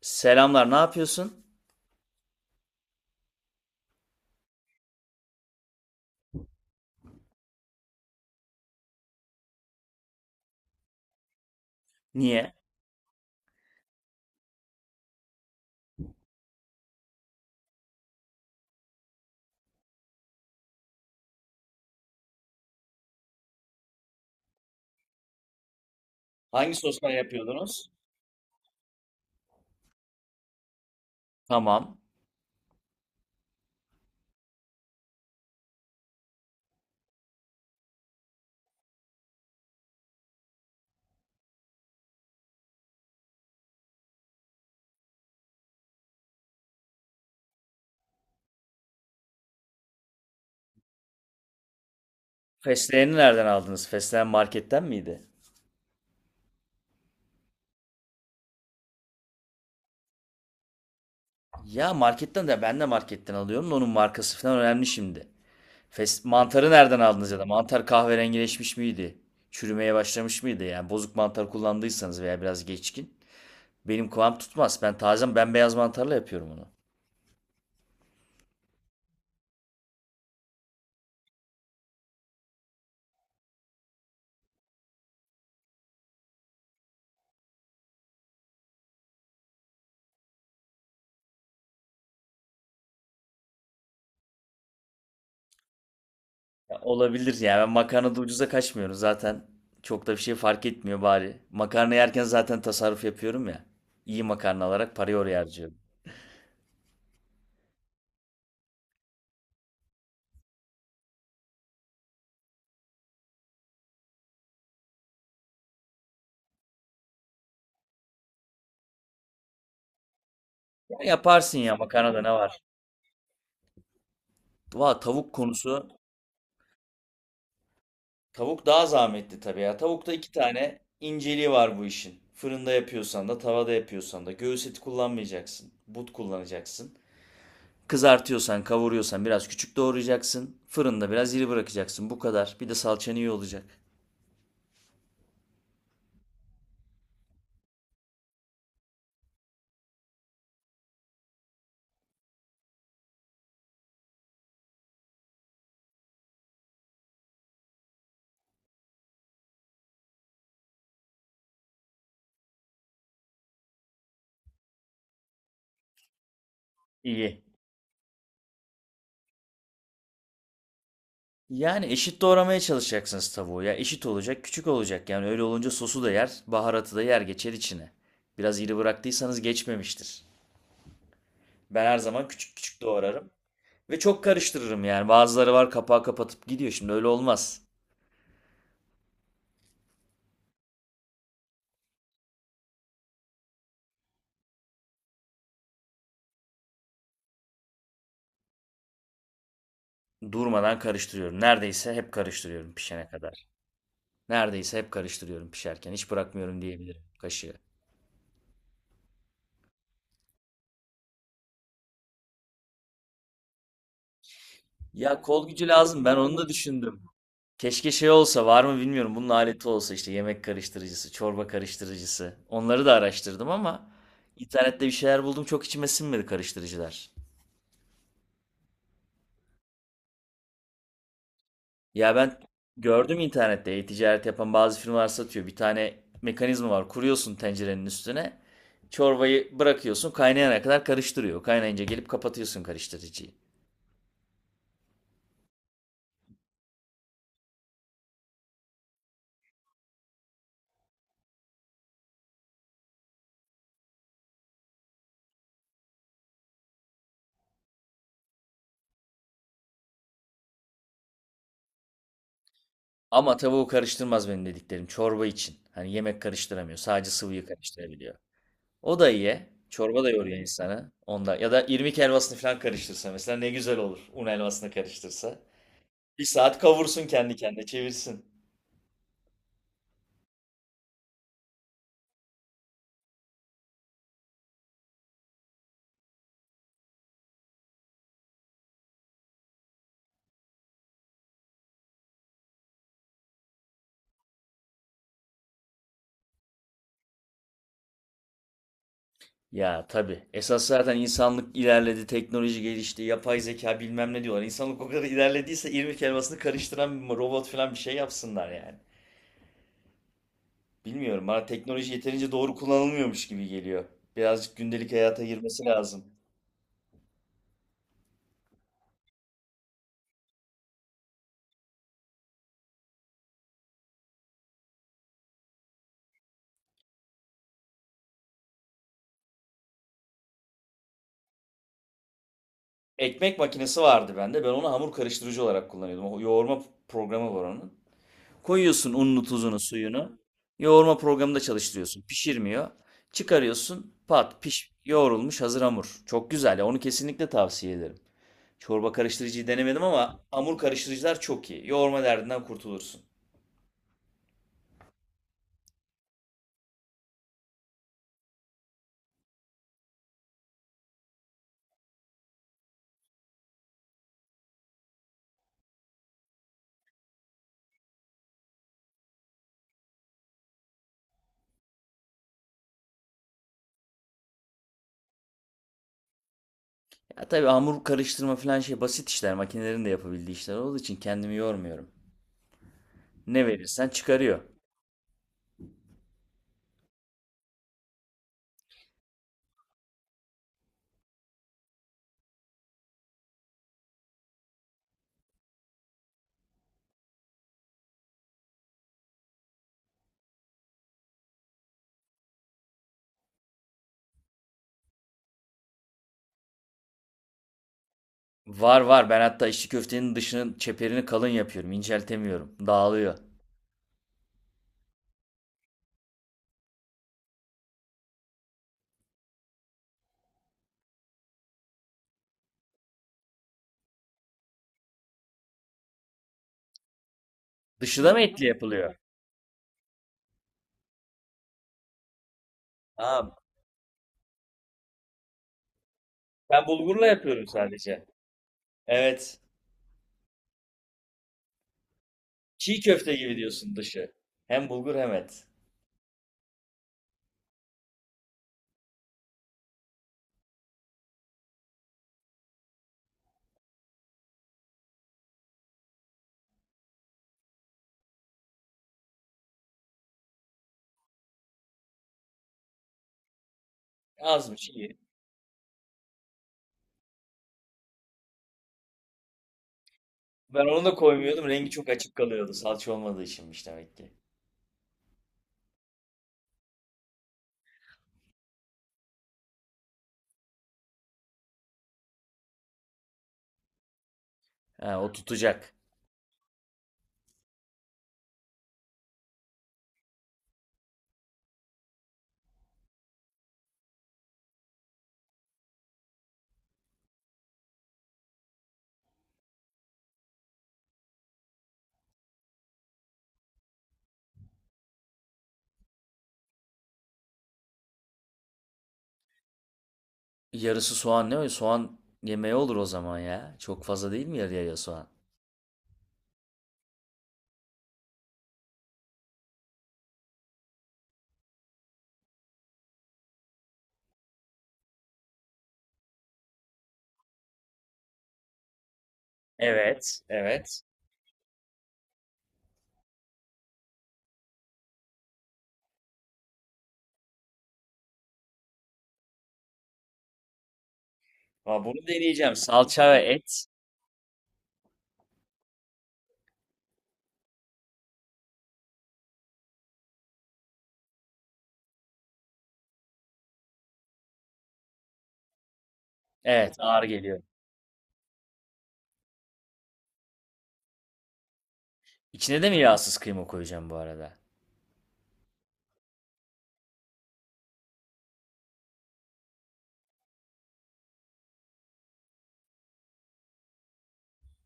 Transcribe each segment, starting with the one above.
Selamlar, ne yapıyorsun? Niye? Hangi soslar yapıyordunuz? Tamam. Fesleğeni nereden aldınız? Fesleğen marketten miydi? Ya marketten de ben de marketten alıyorum da onun markası falan önemli şimdi. Fes mantarı nereden aldınız ya da mantar kahverengileşmiş miydi? Çürümeye başlamış mıydı? Yani bozuk mantar kullandıysanız veya biraz geçkin. Benim kıvam tutmaz. Ben taze bembeyaz mantarla yapıyorum onu. Ya olabilir ya. Ben makarnada ucuza kaçmıyorum. Zaten çok da bir şey fark etmiyor bari. Makarna yerken zaten tasarruf yapıyorum ya. İyi makarna alarak parayı oraya harcıyorum. Ya yaparsın ya makarnada ne var? Valla tavuk konusu. Tavuk daha zahmetli tabii ya. Tavukta iki tane inceliği var bu işin. Fırında yapıyorsan da tavada yapıyorsan da göğüs eti kullanmayacaksın. But kullanacaksın. Kızartıyorsan, kavuruyorsan biraz küçük doğrayacaksın. Fırında biraz iri bırakacaksın. Bu kadar. Bir de salçan iyi olacak. İyi. Yani eşit doğramaya çalışacaksınız tavuğu ya. Eşit olacak, küçük olacak. Yani öyle olunca sosu da yer, baharatı da yer geçer içine. Biraz iri bıraktıysanız geçmemiştir. Ben her zaman küçük küçük doğrarım. Ve çok karıştırırım yani. Bazıları var kapağı kapatıp gidiyor. Şimdi öyle olmaz. Durmadan karıştırıyorum. Neredeyse hep karıştırıyorum pişene kadar. Neredeyse hep karıştırıyorum pişerken. Hiç bırakmıyorum diyebilirim kaşığı. Ya kol gücü lazım. Ben onu da düşündüm. Keşke şey olsa var mı bilmiyorum. Bunun aleti olsa işte yemek karıştırıcısı, çorba karıştırıcısı. Onları da araştırdım ama internette bir şeyler buldum çok içime sinmedi karıştırıcılar. Ya ben gördüm internette e-ticaret yapan bazı firmalar satıyor. Bir tane mekanizma var. Kuruyorsun tencerenin üstüne. Çorbayı bırakıyorsun kaynayana kadar karıştırıyor. Kaynayınca gelip kapatıyorsun karıştırıcıyı. Ama tavuğu karıştırmaz benim dediklerim çorba için. Hani yemek karıştıramıyor. Sadece sıvıyı karıştırabiliyor. O da iyi. Çorba da yoruyor insanı. Onda ya da irmik helvasını falan karıştırsa mesela ne güzel olur. Un helvasını karıştırsa. Bir saat kavursun kendi kendine çevirsin. Ya tabii. Esas zaten insanlık ilerledi, teknoloji gelişti, yapay zeka bilmem ne diyorlar. İnsanlık o kadar ilerlediyse irmik helvasını karıştıran bir robot falan bir şey yapsınlar yani. Bilmiyorum bana teknoloji yeterince doğru kullanılmıyormuş gibi geliyor. Birazcık gündelik hayata girmesi lazım. Ekmek makinesi vardı bende. Ben onu hamur karıştırıcı olarak kullanıyordum. O yoğurma programı var onun. Koyuyorsun ununu, tuzunu, suyunu. Yoğurma programında çalıştırıyorsun. Pişirmiyor. Çıkarıyorsun. Pat, piş, yoğrulmuş hazır hamur. Çok güzel ya. Onu kesinlikle tavsiye ederim. Çorba karıştırıcıyı denemedim ama hamur karıştırıcılar çok iyi. Yoğurma derdinden kurtulursun. Ya tabii hamur karıştırma falan şey basit işler. Makinelerin de yapabildiği işler olduğu için kendimi yormuyorum. Ne verirsen çıkarıyor. Var var. Ben hatta içli köftenin dışının çeperini kalın yapıyorum. İnceltemiyorum. Dağılıyor. Dışı da mı etli yapılıyor? Aa, ben bulgurla yapıyorum sadece. Evet. Çiğ köfte gibi diyorsun dışı. Hem bulgur hem et. Az mı çiğ? Ben onu da koymuyordum. Rengi çok açık kalıyordu. Salça olmadığı içinmiş demek ki. Ha, o tutacak. Yarısı soğan ne? O? Soğan yemeği olur o zaman ya. Çok fazla değil mi yarıya ya soğan? Evet, evet. Ama bunu deneyeceğim. Salça ve et. Evet, ağır geliyor. İçine de mi yağsız kıyma koyacağım bu arada?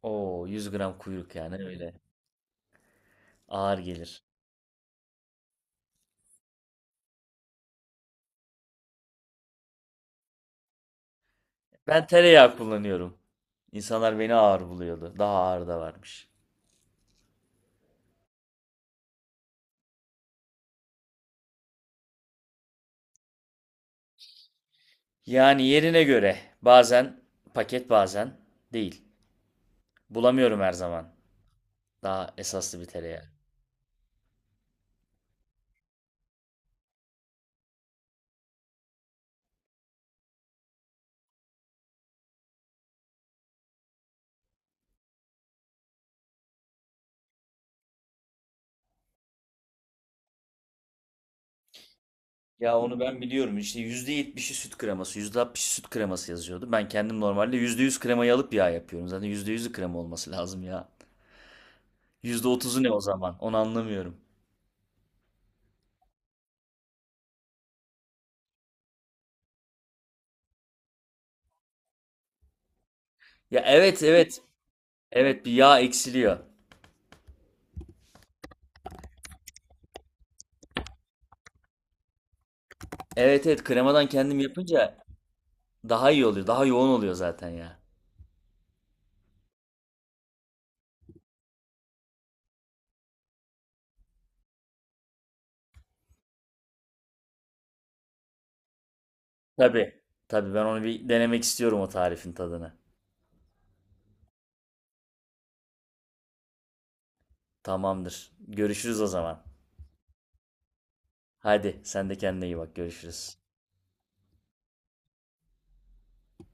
Oo, 100 gram kuyruk yani öyle. Ağır gelir. Ben tereyağı kullanıyorum. İnsanlar beni ağır buluyordu. Daha ağır da varmış. Yani yerine göre bazen paket bazen değil. Bulamıyorum her zaman. Daha esaslı bir tereyağı. Ya onu ben biliyorum. İşte %70'i süt kreması, %60'ı süt kreması yazıyordu. Ben kendim normalde %100 kremayı alıp yağ yapıyorum. Zaten yüzde yüzü krema olması lazım ya. Yüzde otuzu ne o zaman? Onu anlamıyorum. Ya evet evet. Evet bir yağ eksiliyor. Evet evet kremadan kendim yapınca daha iyi oluyor. Daha yoğun oluyor zaten ya. Tabii. Tabii ben onu bir denemek istiyorum o tarifin tadını. Tamamdır. Görüşürüz o zaman. Hadi sen de kendine iyi bak. Görüşürüz.